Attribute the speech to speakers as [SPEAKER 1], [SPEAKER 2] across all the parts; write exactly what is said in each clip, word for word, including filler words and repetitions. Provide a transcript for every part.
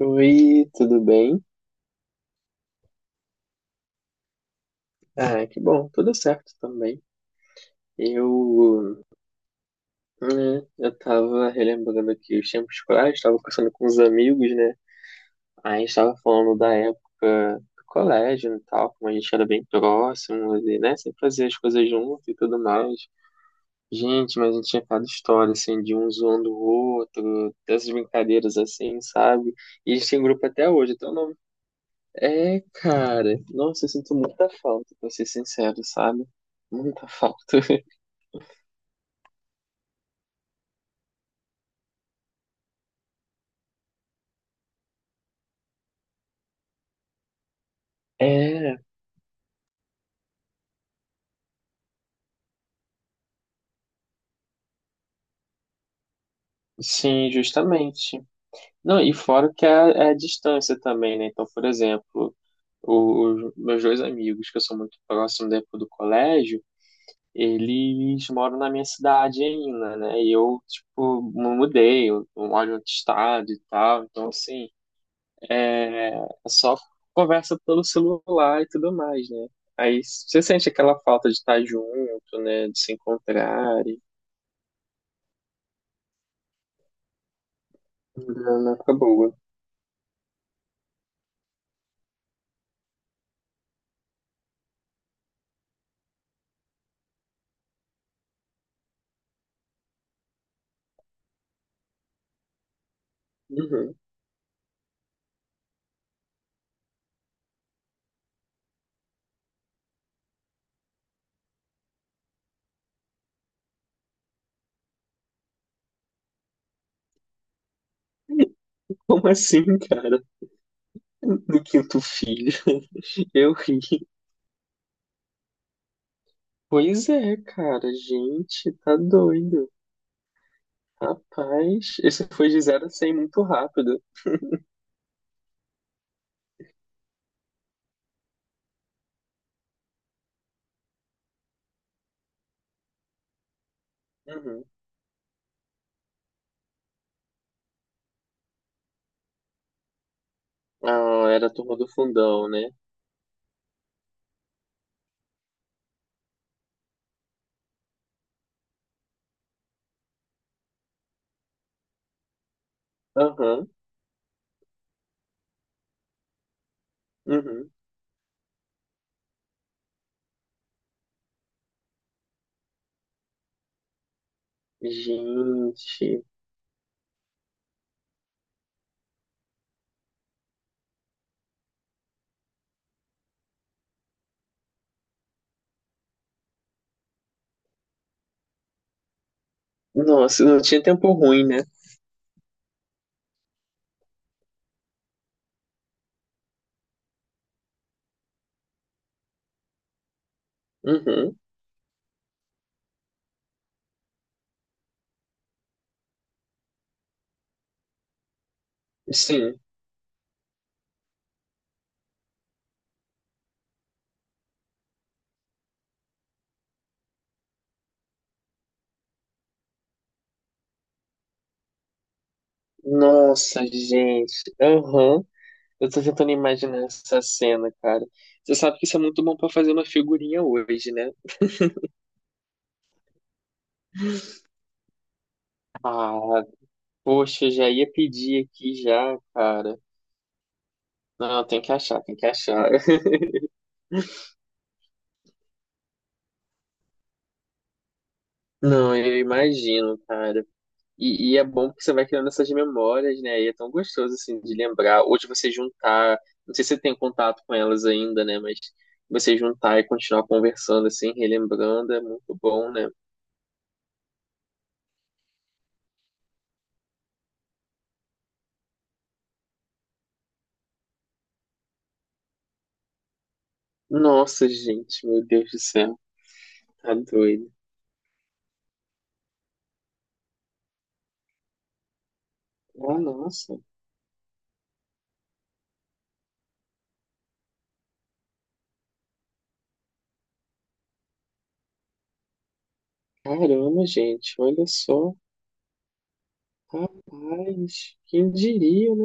[SPEAKER 1] Oi, tudo bem? Ah, que bom, tudo certo também. Eu, né, eu tava relembrando aqui os tempos escolares, tava conversando com os amigos, né? Aí a gente tava falando da época do colégio e tal, como a gente era bem próximo, e, né? Sempre fazia as coisas junto e tudo mais. Gente, mas a gente tinha cada história, assim, de um zoando o outro, dessas brincadeiras assim, sabe? E a gente tem grupo até hoje, até o é, cara. Nossa, eu sinto muita falta, pra ser sincero, sabe? Muita falta. É, sim, justamente. Não, e fora que é, é a distância também, né? Então, por exemplo, os meus dois amigos, que eu sou muito próximo da época do colégio, eles moram na minha cidade ainda, né? E eu, tipo, me mudei, eu eu moro em outro estado e tal. Então, assim, é só conversa pelo celular e tudo mais, né? Aí você sente aquela falta de estar junto, né? De se encontrar e não, não acabou. Uhum. Como assim, cara? No quinto filho? Eu ri. Pois é, cara. Gente, tá doido. Rapaz, esse foi de zero a cem muito rápido. Uhum. Ah, era a turma do fundão, né? Aham. Uhum. Gente. Nossa, não tinha tempo ruim, né? Uhum, sim. Nossa, gente. Aham. Eu tô tentando imaginar essa cena, cara. Você sabe que isso é muito bom pra fazer uma figurinha hoje, né? Ah, poxa, já ia pedir aqui já, cara. Não, tem que achar, tem que achar. Não, eu imagino, cara. E, e é bom porque você vai criando essas memórias, né? E é tão gostoso, assim, de lembrar. Ou de você juntar. Não sei se você tem contato com elas ainda, né? Mas você juntar e continuar conversando, assim, relembrando, é muito bom, né? Nossa, gente, meu Deus do céu, tá doido. Ah, nossa, caramba, gente, olha só. Rapaz, quem diria, né?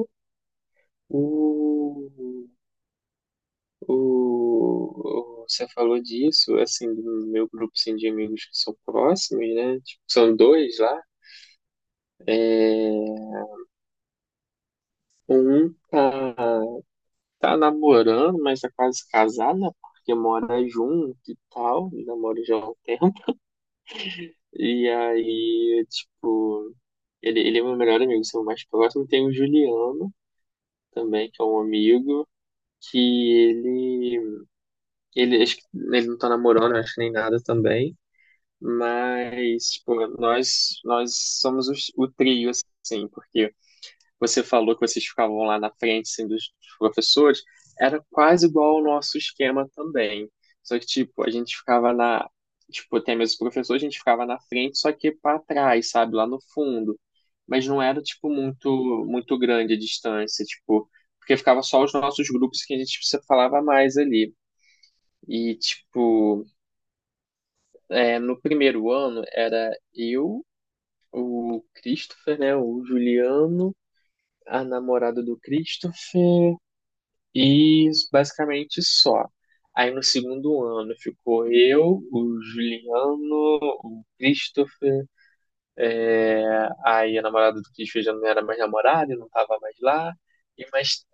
[SPEAKER 1] O, o, o- Você falou disso, assim, do meu grupo assim, de amigos que são próximos, né? Tipo, são dois lá. É, um tá, tá namorando, mas tá quase casado, né? Porque mora junto e tal, namora já há um tempo. E aí, tipo. Ele, ele é meu melhor amigo, seu mais próximo. Tem o Juliano também, que é um amigo, que ele, ele, acho que ele não tá namorando, acho que nem nada também. Mas, tipo, nós, nós somos os- o trio, assim, porque você falou que vocês ficavam lá na frente, assim, dos dos professores, era quase igual ao nosso esquema também. Só que, tipo, a gente ficava na. Tipo, até mesmo os professores a gente ficava na frente, só que para trás, sabe? Lá no fundo. Mas não era, tipo, muito, muito grande a distância, tipo. Porque ficava só os nossos grupos que a gente se falava mais ali. E, tipo, é, no primeiro ano era eu, o Christopher, né? O Juliano, a namorada do Christopher. E basicamente só. Aí no segundo ano ficou eu, o Juliano, o Christopher, aí a namorada do Christopher já não era mais namorada, não tava mais lá, e mais,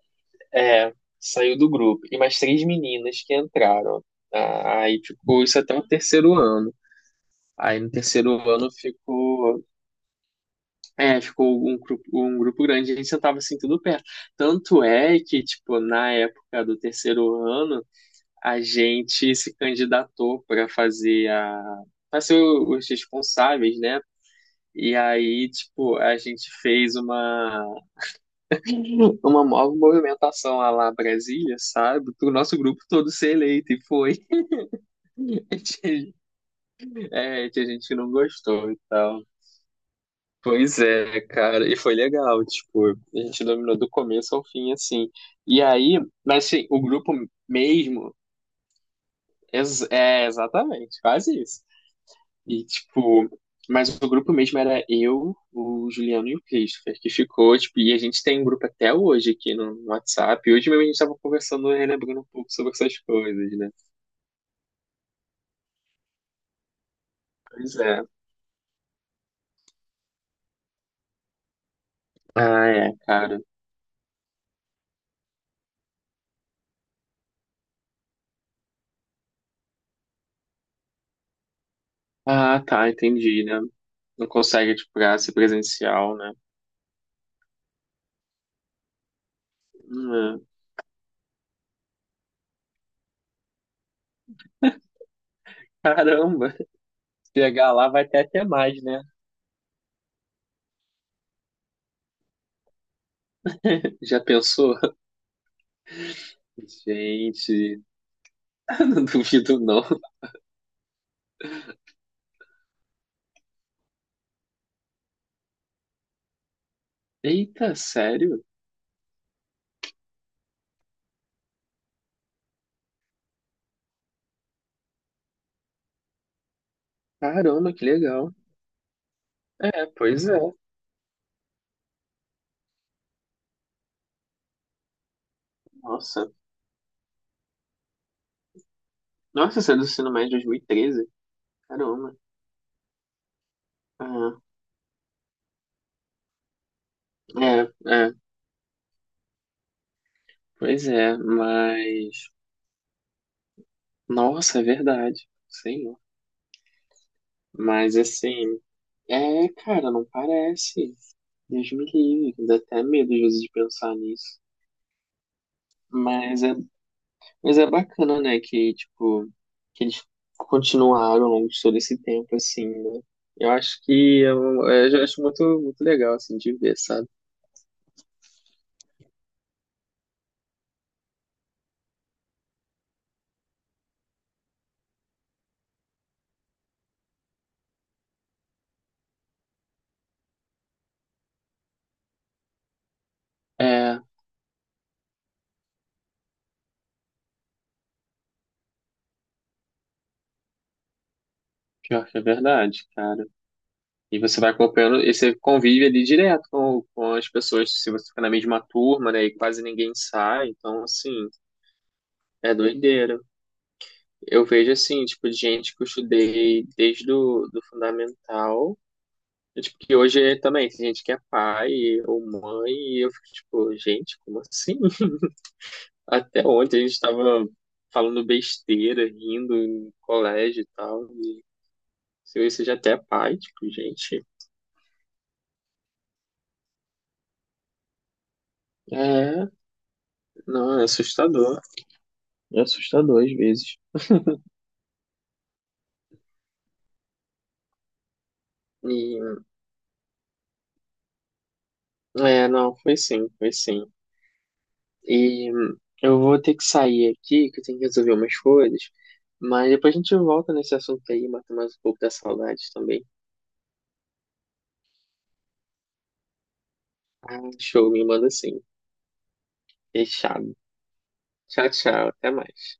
[SPEAKER 1] é, saiu do grupo. E mais três meninas que entraram. Ah, aí ficou isso até o terceiro ano. Aí no terceiro ano ficou, é, ficou um grupo, um grupo grande, a gente sentava assim tudo perto. Tanto é que, tipo, na época do terceiro ano, a gente se candidatou para fazer a para ser o- os responsáveis, né? E aí, tipo, a gente fez uma uma nova movimentação lá lá Brasília, sabe? Para o nosso grupo todo ser eleito e foi. É, que a gente não gostou e tal. Pois é, cara, e foi legal, tipo, a gente dominou do começo ao fim, assim. E aí, mas assim, o grupo mesmo, ex- é exatamente, quase isso. E, tipo, mas o grupo mesmo era eu, o Juliano e o Christopher, que ficou, tipo, e a gente tem um grupo até hoje aqui no no WhatsApp. E hoje mesmo a gente tava conversando, relembrando um pouco sobre essas coisas, né? Pois é. Ah, é, cara. Ah, tá, entendi, né? Não consegue, tipo, pra ser presencial, né? Hum, caramba! Chegar lá vai ter até mais, né? Já pensou? Gente, não duvido não. Eita, sério? Caramba, que legal. É, pois é. Nossa. Nossa, saiu do ensino médio em dois mil e treze. Caramba. Ah, é, é, pois é, mas. Nossa, é verdade, sim. Mas assim. É, cara, não parece. Deus me livre, dá até medo às vezes de pensar nisso. Mas é, mas é bacana, né, que, tipo, que eles continuaram ao longo de todo esse tempo, assim, né? Eu acho que eu, eu acho muito, muito legal, assim, de ver, sabe? É, pior que é verdade, cara. E você vai acompanhando, e você convive ali direto com, com as pessoas, se você fica na mesma turma, né, e quase ninguém sai, então, assim, é doideira. Eu vejo, assim, tipo, de gente que eu estudei desde do, do fundamental, e, tipo, que hoje é também tem gente que é pai ou mãe, e eu fico, tipo, gente, como assim? Até ontem a gente tava falando besteira, rindo em colégio e tal, e se você já até é pai, tipo, gente, é, não, é assustador. É assustador às vezes. E, é, não, foi sim, foi sim. E hum, eu vou ter que sair aqui, que eu tenho que resolver umas coisas, mas depois a gente volta nesse assunto aí, mata mais um pouco da saudade também. Ah, show, me manda sim. Fechado. Tchau, tchau, até mais.